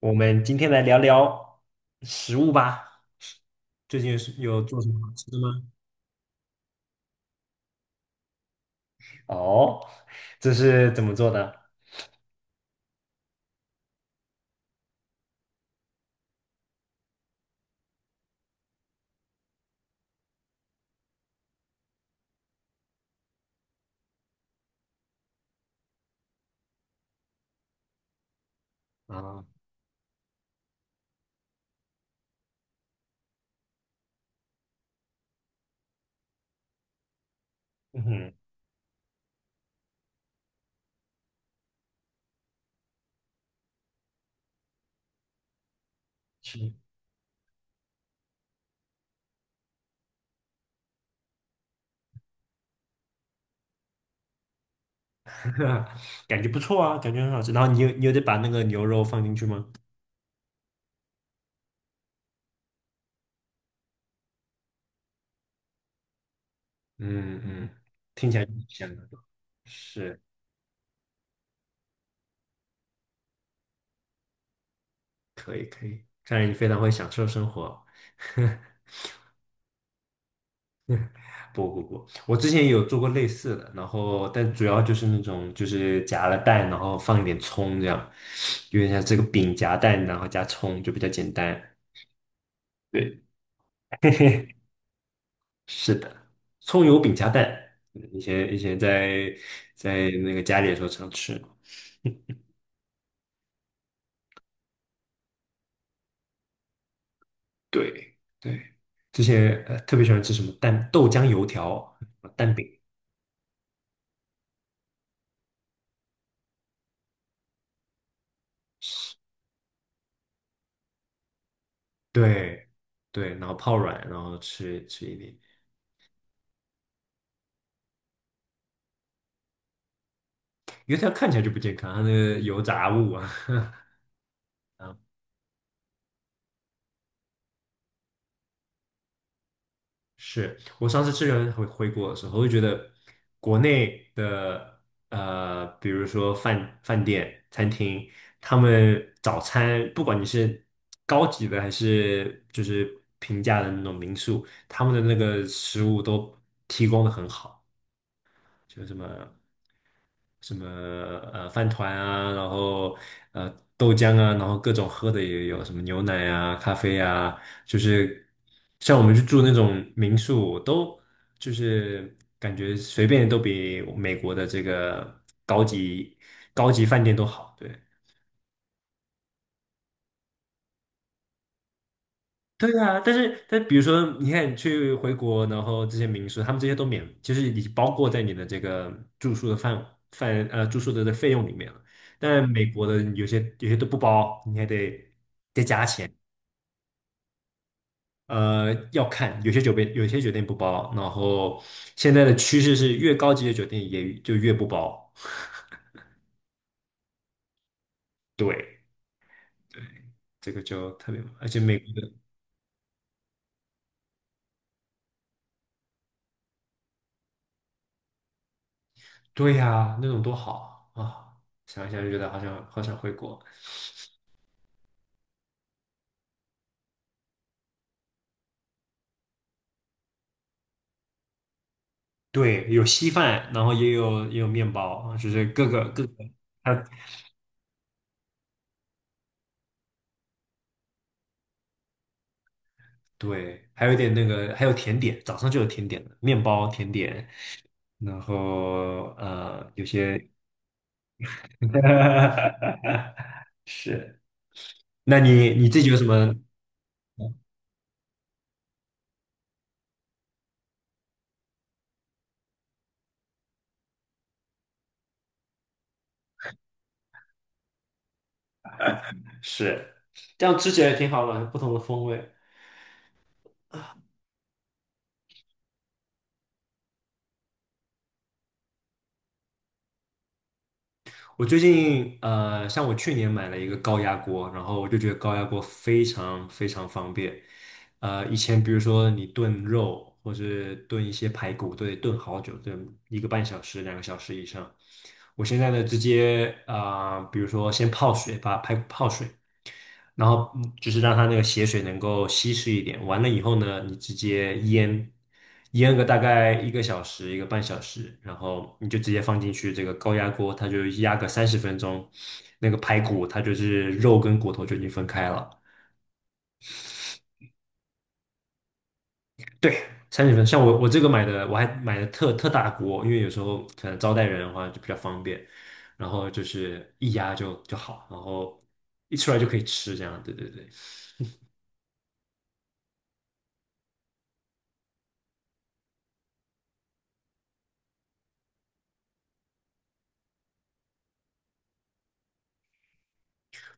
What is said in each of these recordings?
我们今天来聊聊食物吧。最近是有做什么好吃的吗？哦，这是怎么做的？啊，嗯哼，是，感觉不错啊，感觉很好吃。然后你有得把那个牛肉放进去吗？嗯嗯，听起来挺香的。是，可以可以，看来你非常会享受生活哦。不不不，我之前也有做过类似的，然后但主要就是那种就是夹了蛋，然后放一点葱这样，有点像这个饼夹蛋，然后加葱就比较简单。对，是的，葱油饼夹蛋，以前在那个家里的时候常吃，对，对，之前特别喜欢吃什么蛋豆浆油条、蛋饼，对对，然后泡软，然后吃吃一点。因为它看起来就不健康，它那个油炸物啊。啊，是我上次回国的时候，我就觉得国内的，比如说饭店、餐厅，他们早餐不管你是高级的还是就是平价的那种民宿，他们的那个食物都提供的很好。就什么什么饭团啊，然后豆浆啊，然后各种喝的也有，什么牛奶啊、咖啡啊，就是像我们去住那种民宿，都就是感觉随便都比美国的这个高级高级饭店都好，对。对啊，但是比如说，你看你去回国，然后这些民宿，他们这些都免，就是已经包括在你的这个住宿的这费用里面了。但美国的有些都不包，你还得要看，有些酒店不包，然后现在的趋势是越高级的酒店也就越不包。对，这个就特别，而且美国的，对呀、那种多好啊！啊想一想就觉得好想好想回国。对，有稀饭，然后也有面包，就是各个各个，它对，还有一点那个，还有甜点，早上就有甜点了，面包甜点，然后，有些 是，那你自己有什么？是，这样吃起来挺好的，不同的风味。我最近，像我去年买了一个高压锅，然后我就觉得高压锅非常非常方便。以前比如说你炖肉或是炖一些排骨，都得炖好久，炖一个半小时、2个小时以上。我现在呢，直接，比如说先泡水，把排骨泡水，然后就是让它那个血水能够稀释一点。完了以后呢，你直接腌，腌个大概1个小时、一个半小时，然后你就直接放进去这个高压锅，它就压个30分钟，那个排骨它就是肉跟骨头就已经分开了。对，三十分。像我这个买的，我还买的特大锅，因为有时候可能招待人的话就比较方便，然后就是一压就好，然后一出来就可以吃，这样。对对对。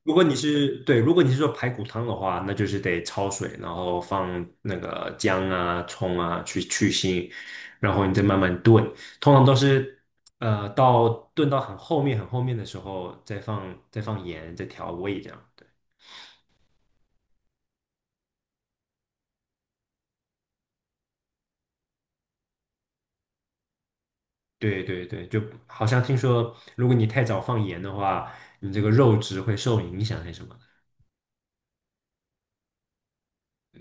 如果你是对，如果你是做排骨汤的话，那就是得焯水，然后放那个姜啊、葱啊去腥，然后你再慢慢炖。通常都是到炖到很后面、很后面的时候，再放盐，再调味这样。对对对，就好像听说，如果你太早放盐的话，你这个肉质会受影响还是什么的对，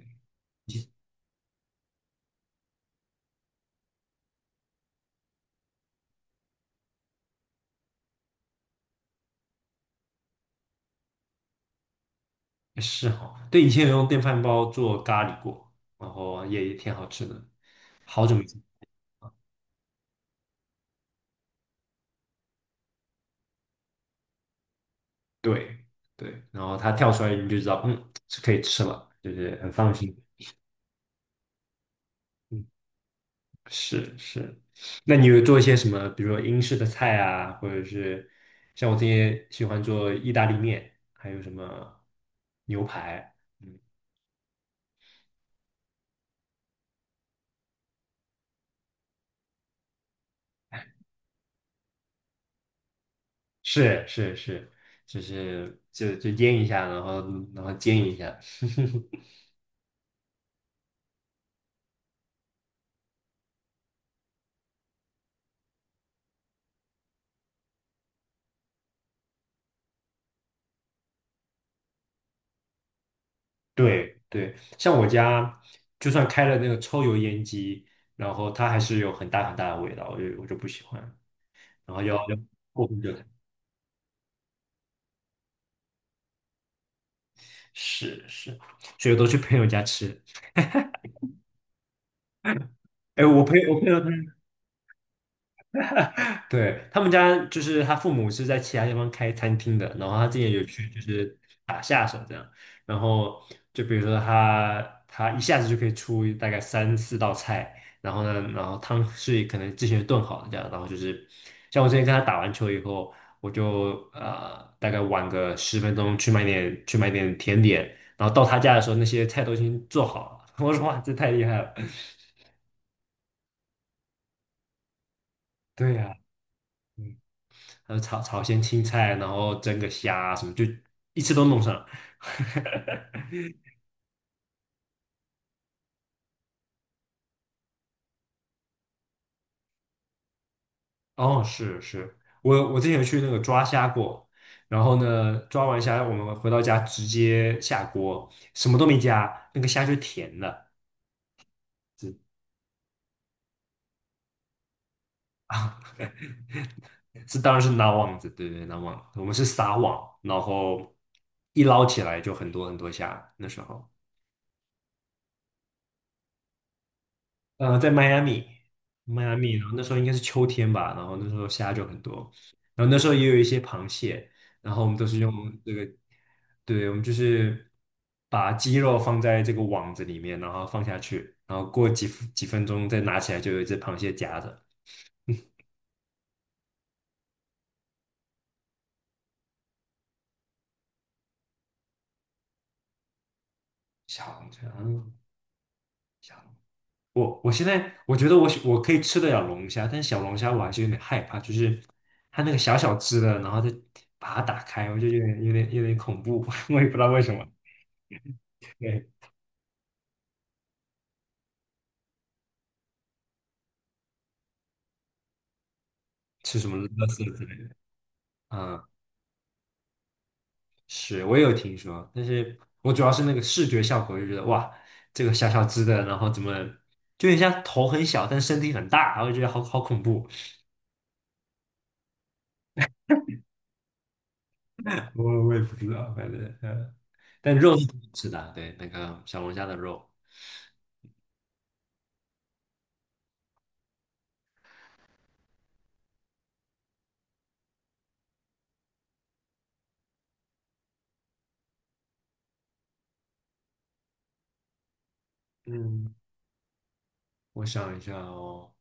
是哈，对，以前有用电饭煲做咖喱过，然后也挺好吃的，好久没吃。对对，然后它跳出来你就知道，是可以吃了，就是很放心。嗯，是是。那你有做一些什么，比如说英式的菜啊，或者是像我这些喜欢做意大利面，还有什么牛排？嗯，是是是，就是腌一下，然后煎一下。对对，像我家就算开了那个抽油烟机，然后它还是有很大很大的味道，我就不喜欢。然后要过很久。是是，所以我都去朋友家吃。哎，我朋友他对，他们家就是他父母是在其他地方开餐厅的，然后他之前有去就是打下手这样，然后就比如说他一下子就可以出大概三四道菜，然后呢，然后汤是可能之前炖好的这样，然后就是像我之前跟他打完球以后，我就大概晚个十分钟去买点甜点，然后到他家的时候那些菜都已经做好了，我说哇这太厉害了，对呀、嗯还有炒炒些青菜，然后蒸个虾啊什么，就一次都弄上了。哦，是是，我之前有去那个抓虾过，然后呢，抓完虾我们回到家直接下锅，什么都没加，那个虾就甜的啊，这当然是拉网子，对对，拉网，我们是撒网，然后一捞起来就很多很多虾，那时候。在迈阿密，迈阿密，然后那时候应该是秋天吧，然后那时候虾就很多，然后那时候也有一些螃蟹，然后我们都是用这个，对，我们就是把鸡肉放在这个网子里面，然后放下去，然后过几分钟再拿起来，就有一只螃蟹夹着，小龙虾，嗯小龙，我现在我觉得我可以吃得了龙虾，但小龙虾我还是有点害怕，就是它那个小小只的，然后再把它打开，我就有点恐怖，我也不知道为什么。对，吃什么垃圾之类的。嗯，是我也有听说，但是我主要是那个视觉效果，我就觉得哇，这个小小只的，然后怎么就人家头很小，但身体很大，我就觉得好好恐怖。我也不知道，反正，但肉是挺好吃的啊，对，那个小龙虾的肉。嗯，我想一下哦，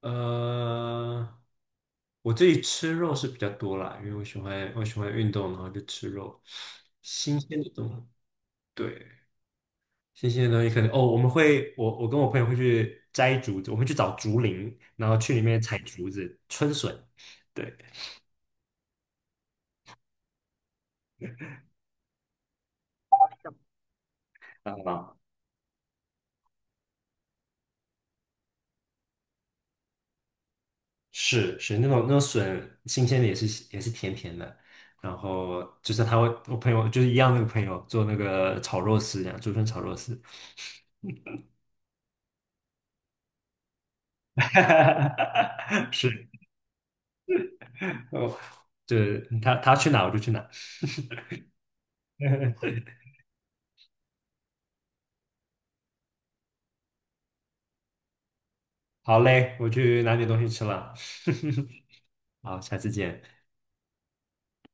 呃，我自己吃肉是比较多啦，因为我喜欢运动，然后就吃肉，新鲜的东西。对，新鲜的东西可能哦，我们会我跟我朋友会去摘竹子，我们去找竹林，然后去里面采竹子、春笋，对，啊、是是那种笋新鲜的也是甜甜的，然后就是我朋友就是一样那个朋友做那个炒肉丝这样，竹笋炒肉丝，是哦，就是他去哪我就去哪，好嘞，我去拿点东西吃了，好，下次见。